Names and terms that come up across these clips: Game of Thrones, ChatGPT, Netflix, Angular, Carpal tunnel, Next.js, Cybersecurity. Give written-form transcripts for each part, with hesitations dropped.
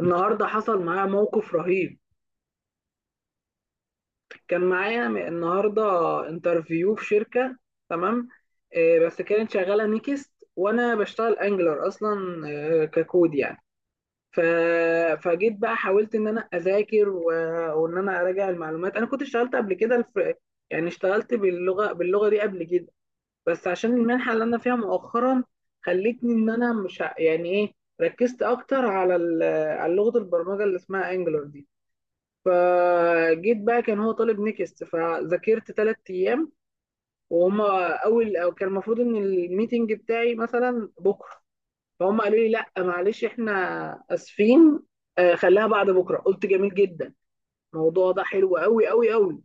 النهارده حصل معايا موقف رهيب. كان معايا النهارده انترفيو في شركه. تمام. بس كانت شغاله نيكست وانا بشتغل انجلر اصلا. ككود يعني. ف... فجيت بقى حاولت ان انا اذاكر وان انا اراجع المعلومات. انا كنت اشتغلت قبل كده يعني اشتغلت باللغه دي قبل كده. بس عشان المنحه اللي انا فيها مؤخرا خلتني ان انا مش يعني ايه ركزت اكتر على على لغه البرمجه اللي اسمها انجلر دي. فجيت بقى كان هو طالب نكست فذاكرت ثلاث ايام، وهم اول أو كان المفروض ان الميتنج بتاعي مثلا بكره. فهم قالوا لي لا معلش احنا اسفين. خليها بعد بكره، قلت جميل جدا. الموضوع ده حلو قوي قوي قوي،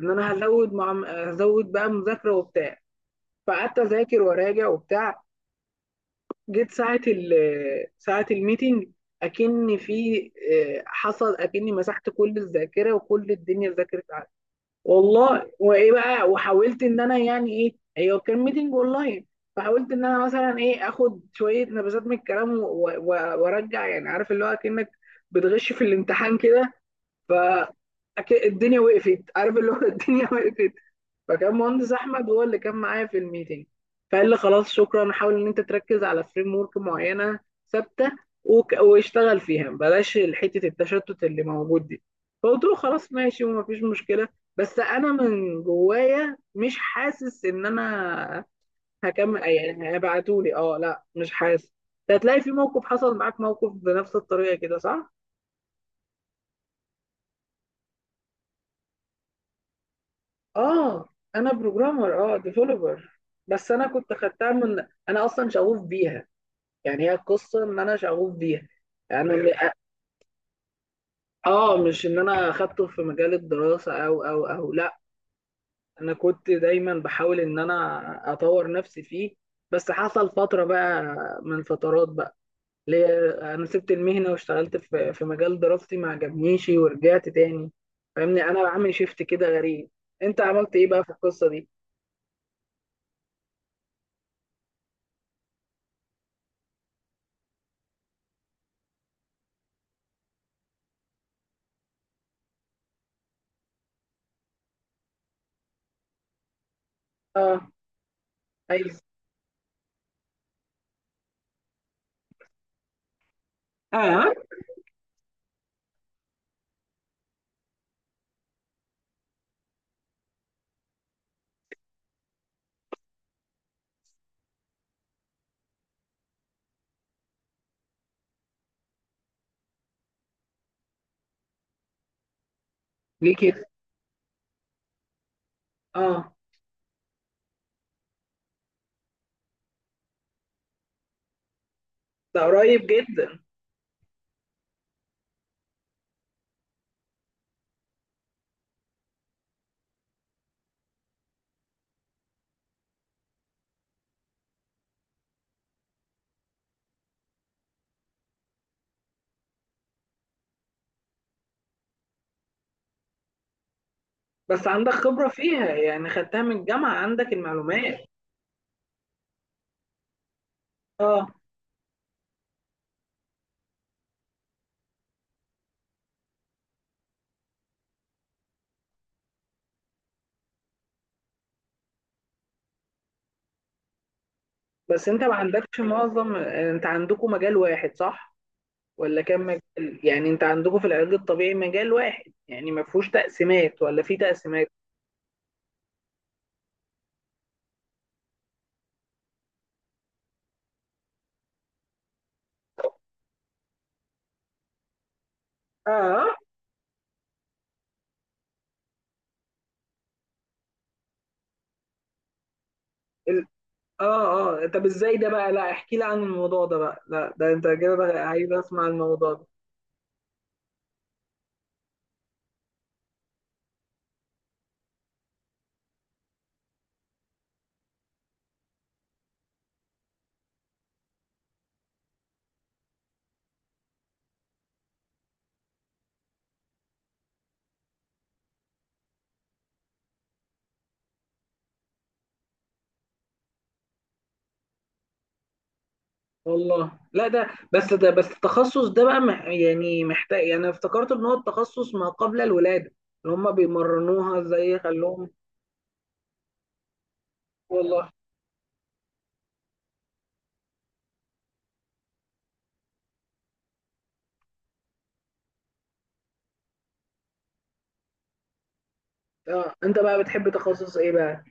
ان انا هزود مع هزود بقى مذاكره وبتاع. فقعدت اذاكر واراجع وبتاع. جيت ساعه ال ساعه الميتنج اكن في. حصل اكني مسحت كل الذاكره وكل الدنيا ذاكرت والله. وايه بقى وحاولت ان انا يعني ايه هي، كان ميتنج اونلاين. فحاولت ان انا مثلا ايه اخد شويه نبذات من الكلام وارجع، يعني عارف اللي هو كانك بتغش في الامتحان كده. ف الدنيا وقفت، عارف اللي هو الدنيا وقفت. فكان مهندس احمد هو اللي كان معايا في الميتنج. فقال لي خلاص شكرا، حاول ان انت تركز على فريم ورك معينه ثابته واشتغل فيها بلاش حته التشتت اللي موجود دي. فقلت له خلاص ماشي ومفيش مشكله. بس انا من جوايا مش حاسس ان انا هكمل، يعني هيبعتولي. اه لا مش حاسس. هتلاقي في موقف حصل معاك موقف بنفس الطريقه كده صح؟ اه انا بروجرامر، اه ديفلوبر. بس انا كنت خدتها من انا اصلا شغوف بيها. يعني هي القصة إن أنا شغوف بيها. يعني أنا مش إن أنا أخدته في مجال الدراسة أو لأ. أنا كنت دايما بحاول إن أنا أطور نفسي فيه. بس حصل فترة بقى، من فترات بقى، اللي هي أنا سبت المهنة واشتغلت في مجال دراستي ما عجبنيش ورجعت تاني. فاهمني، أنا بعمل شيفت كده غريب. أنت عملت إيه بقى في القصة دي؟ آه أيوه اه. ليه كده؟ آه. ده قريب جدا. بس عندك خبرة فيها يعني، خدتها من الجامعة عندك المعلومات. اه. بس انت ما عندكش معظم، انت عندكم مجال واحد صح؟ ولا كام مجال؟ يعني انت عندكم في العلاج الطبيعي مجال واحد يعني ما فيهوش تقسيمات ولا في تقسيمات؟ اه. ال... اه اه. طب ازاي ده بقى؟ لا احكي لي عن الموضوع ده بقى، لا ده انت كده بقى، عايز اسمع الموضوع ده. والله. لا ده. بس ده، بس التخصص ده بقى يعني محتاج، يعني افتكرت ان هو التخصص ما قبل الولادة اللي هم بيمرنوها ازاي يخلوهم. والله. اه. انت بقى بتحب تخصص ايه بقى؟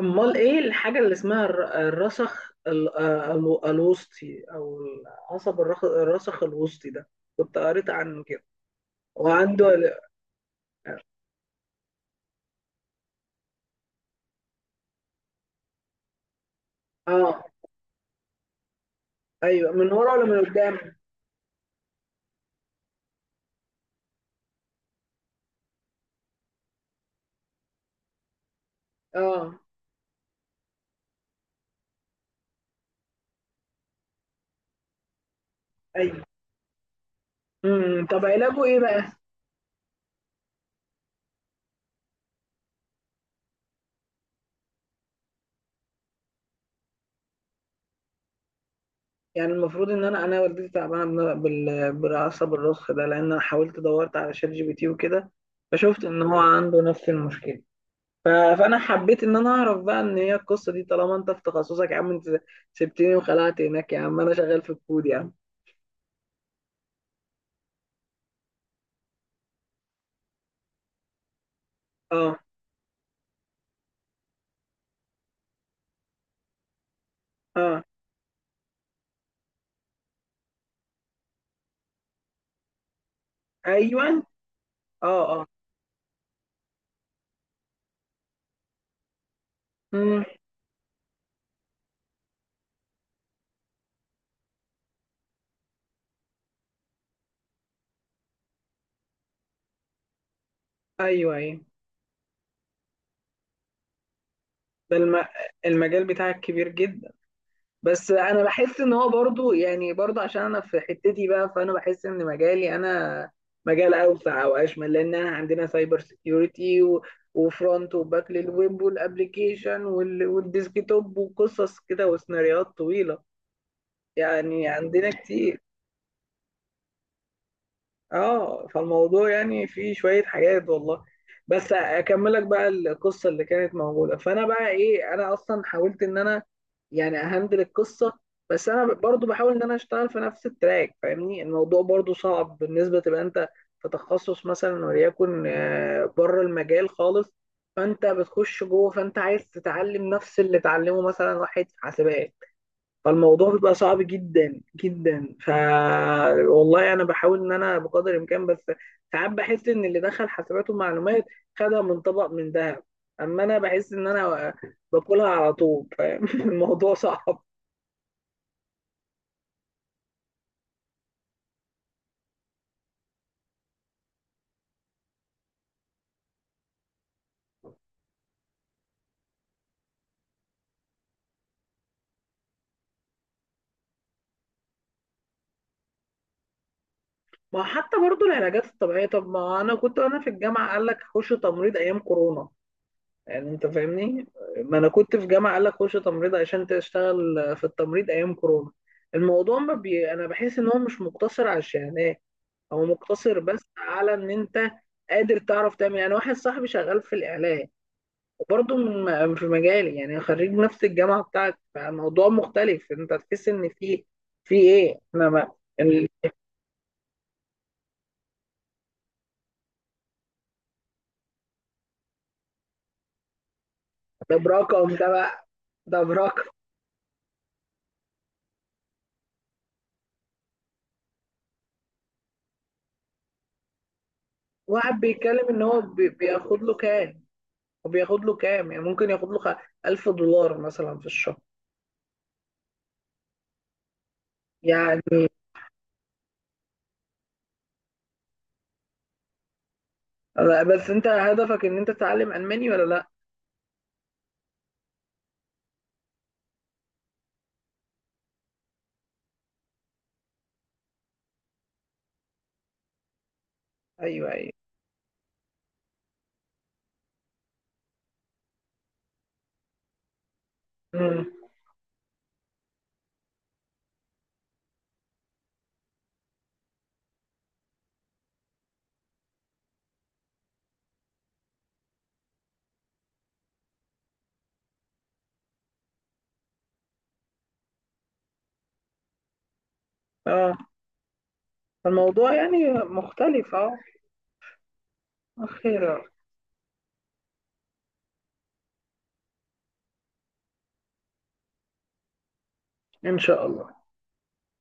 امال ايه الحاجه اللي اسمها الرسخ الوسطي، او العصب الرسخ الوسطي ده، كنت قريت عنه كده وعنده اه. ايوه، من ورا ولا من قدام؟ اه. ايوه. امم. طب علاجه ايه بقى؟ يعني المفروض ان انا، انا والدتي تعبانه بالعصب الرسخ ده، لان انا حاولت دورت على شات جي بي تي وكده فشفت ان هو عنده نفس المشكله. فانا حبيت ان انا اعرف بقى ان هي القصه دي طالما انت في تخصصك يا عم. انت سبتني وخلعت هناك يا عم، انا شغال في الكود يا عم. اه اه ايوه، اه اه امم ايوه ايوه. ده المجال بتاعك كبير جدا. بس انا بحس ان هو برضو، يعني برضو عشان انا في حتتي بقى، فانا بحس ان مجالي انا مجال اوسع او اشمل، لان انا عندنا سايبر سيكيورتي وفرونت وباك للويب والابلكيشن والديسكتوب وقصص كده وسيناريوهات طويله. يعني عندنا كتير. اه فالموضوع يعني فيه شوية حاجات والله. بس اكملك بقى القصة اللي كانت موجودة. فانا بقى ايه، انا اصلا حاولت ان انا يعني اهندل القصة. بس انا برضو بحاول ان انا اشتغل في نفس التراك. فاهمني، الموضوع برضو صعب بالنسبة تبقى انت في تخصص مثلا وليكن بره المجال خالص، فانت بتخش جوه فانت عايز تتعلم نفس اللي اتعلمه مثلا واحد في حاسبات، فالموضوع بيبقى صعب جدا جدا. والله انا بحاول ان انا بقدر الامكان، بس ساعات بحس ان اللي دخل حسابات ومعلومات خدها من طبق من ذهب. اما انا بحس ان انا باكلها على طول، فاهم الموضوع صعب. ما حتى برضو العلاجات الطبيعيه، طب ما انا كنت وانا في الجامعه قال لك خش تمريض ايام كورونا. يعني انت فاهمني. ما انا كنت في جامعه قال لك خش تمريض عشان تشتغل في التمريض ايام كورونا. الموضوع ما انا بحس ان هو مش مقتصر على الشهادات. هو مقتصر بس على ان انت قادر تعرف تعمل. يعني واحد صاحبي شغال في الاعلام، وبرضه من في مجالي، يعني خريج نفس الجامعه بتاعتي، فالموضوع مختلف. انت تحس ان في، في ايه احنا ما ال- ده برقم ده بقى، ده برقم. واحد بيتكلم ان هو بياخد له كام، وبياخد له كام، يعني ممكن ياخد له $1000 مثلا في الشهر يعني. لا، بس انت هدفك ان انت تتعلم الماني ولا لا؟ ايوه ايوه. مم. اه الموضوع يعني مختلف اه. خير إن شاء الله.